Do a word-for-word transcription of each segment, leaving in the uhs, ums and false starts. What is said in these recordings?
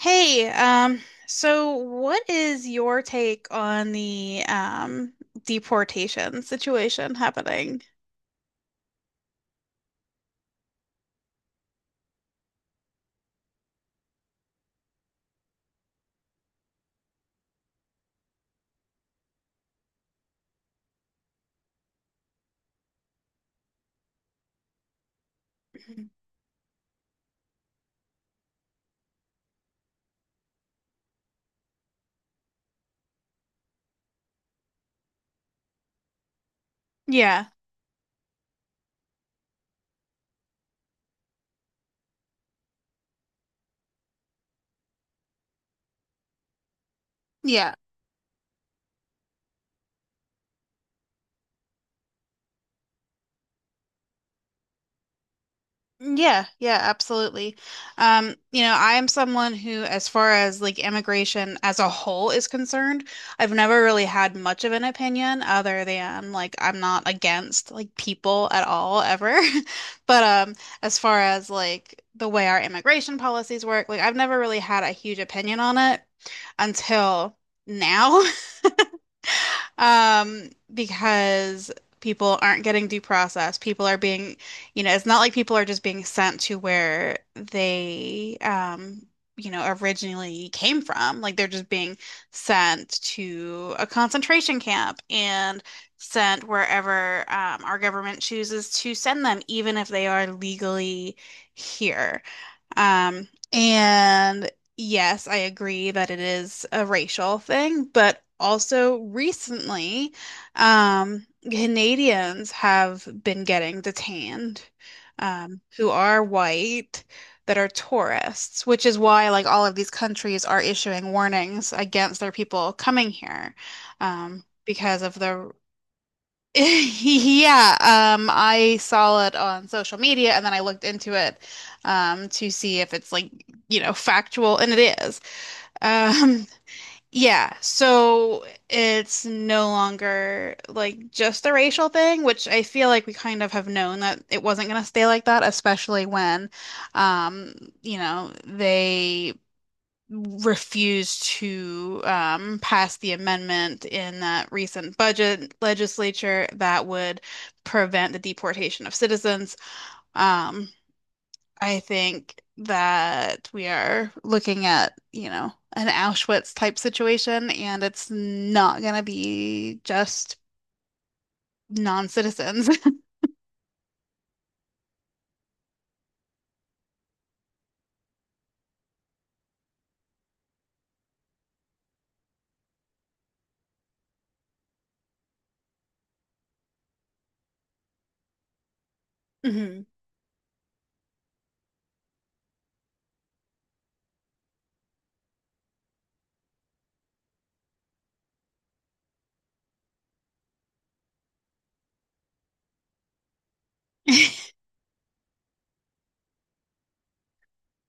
Hey, um, so what is your take on the um deportation situation happening? Yeah. Yeah. Yeah, yeah, absolutely. Um, you know, I am someone who, as far as like immigration as a whole is concerned, I've never really had much of an opinion other than like I'm not against like people at all ever. But um, as far as like the way our immigration policies work, like I've never really had a huge opinion on it until now. Um, because people aren't getting due process. People are being, you know, it's not like people are just being sent to where they, um, you know, originally came from. Like they're just being sent to a concentration camp and sent wherever, um, our government chooses to send them, even if they are legally here. Um, and yes, I agree that it is a racial thing, but also recently, um, Canadians have been getting detained, um, who are white, that are tourists, which is why like all of these countries are issuing warnings against their people coming here, um, because of the Yeah, um, I saw it on social media and then I looked into it um, to see if it's like, you know, factual, and it is. Um, yeah, so it's no longer like just a racial thing, which I feel like we kind of have known that it wasn't going to stay like that, especially when, um, you know, they refused to um, pass the amendment in that recent budget legislature that would prevent the deportation of citizens. Um, I think that we are looking at, you know, an Auschwitz type situation, and it's not going to be just non-citizens. Mhm.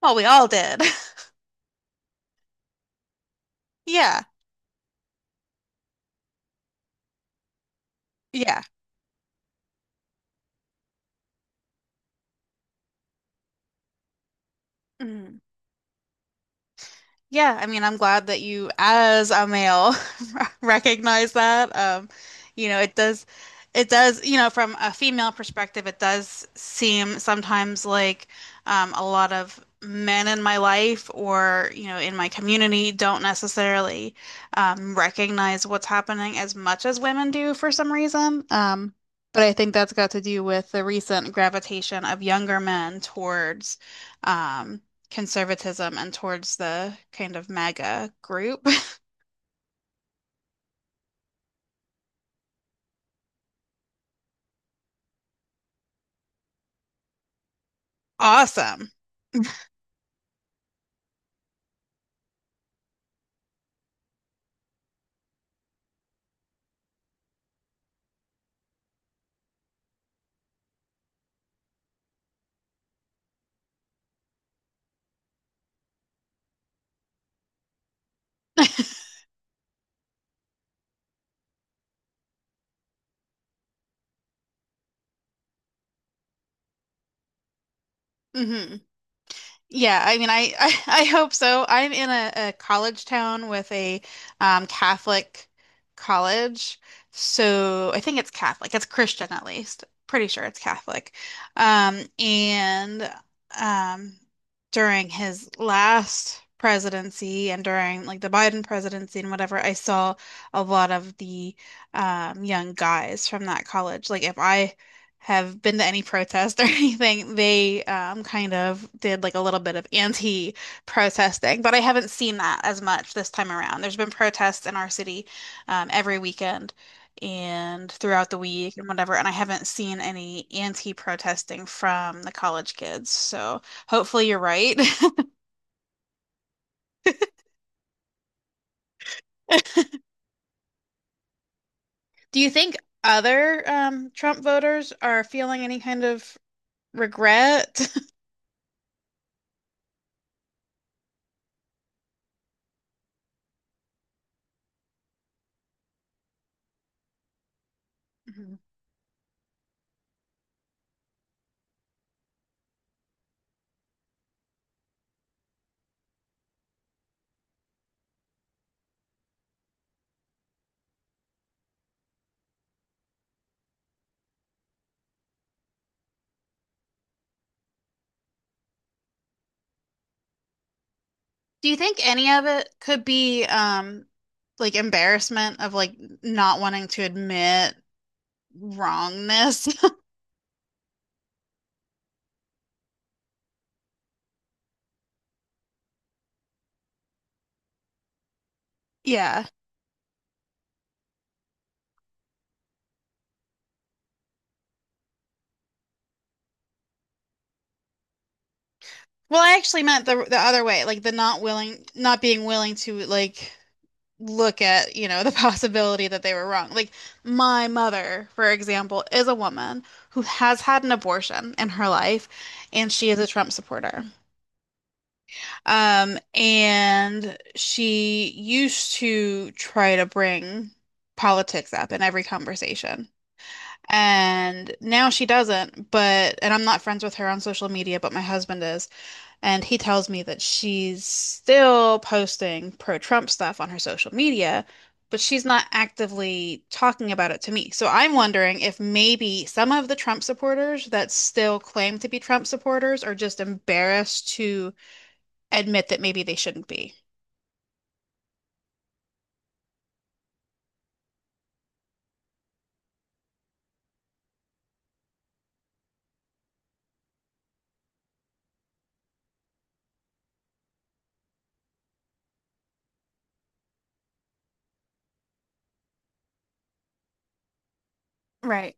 Well, we all did. Yeah. Yeah. Mhm. Yeah, I mean, I'm glad that you, as a male, recognize that. Um, you know, it does, it does, you know, from a female perspective, it does seem sometimes like um, a lot of men in my life or, you know, in my community don't necessarily um, recognize what's happening as much as women do for some reason. Um, but I think that's got to do with the recent gravitation of younger men towards. um, conservatism and towards the kind of MAGA group. Awesome. Hmm. Yeah, I mean, I, I, I hope so. I'm in a, a college town with a um, Catholic college. So I think it's Catholic. It's Christian at least. Pretty sure it's Catholic. Um, and um, during his last presidency and during like the Biden presidency and whatever, I saw a lot of the um, young guys from that college. Like if I have been to any protest or anything. They um, kind of did like a little bit of anti-protesting, but I haven't seen that as much this time around. There's been protests in our city um, every weekend and throughout the week and whatever, and I haven't seen any anti-protesting from the college kids. So hopefully you're right. Do you think other um, Trump voters are feeling any kind of regret? Do you think any of it could be um like embarrassment of like not wanting to admit wrongness? Yeah. Well, I actually meant the the other way, like the not willing, not being willing to like look at, you know, the possibility that they were wrong. Like my mother, for example, is a woman who has had an abortion in her life and she is a Trump supporter. Um, and she used to try to bring politics up in every conversation. And now she doesn't, but, and I'm not friends with her on social media, but my husband is. And he tells me that she's still posting pro-Trump stuff on her social media, but she's not actively talking about it to me. So I'm wondering if maybe some of the Trump supporters that still claim to be Trump supporters are just embarrassed to admit that maybe they shouldn't be. Right.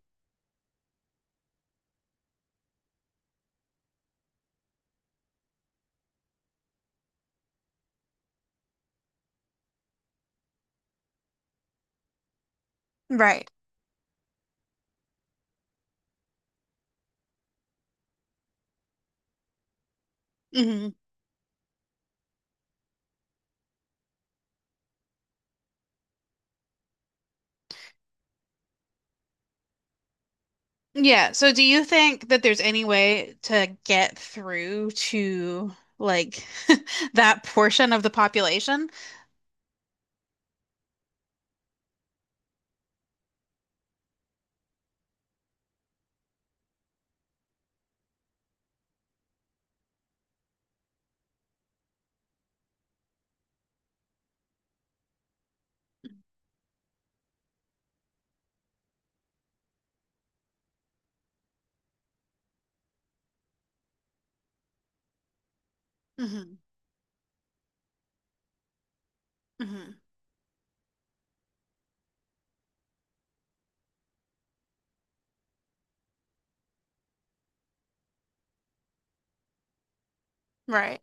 Right. Hmm. Yeah. So do you think that there's any way to get through to like that portion of the population? Hmm. Hmm. Right.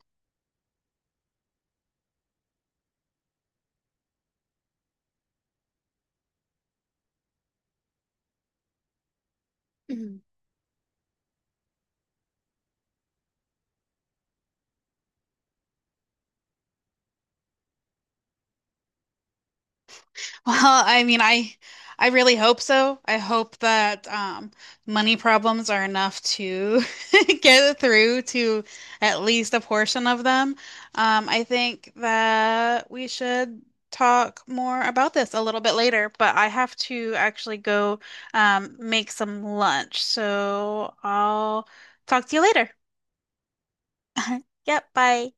Well, I mean, I I really hope so. I hope that um, money problems are enough to get through to at least a portion of them. Um, I think that we should talk more about this a little bit later, but I have to actually go um, make some lunch. So I'll talk to you later. Yep, bye.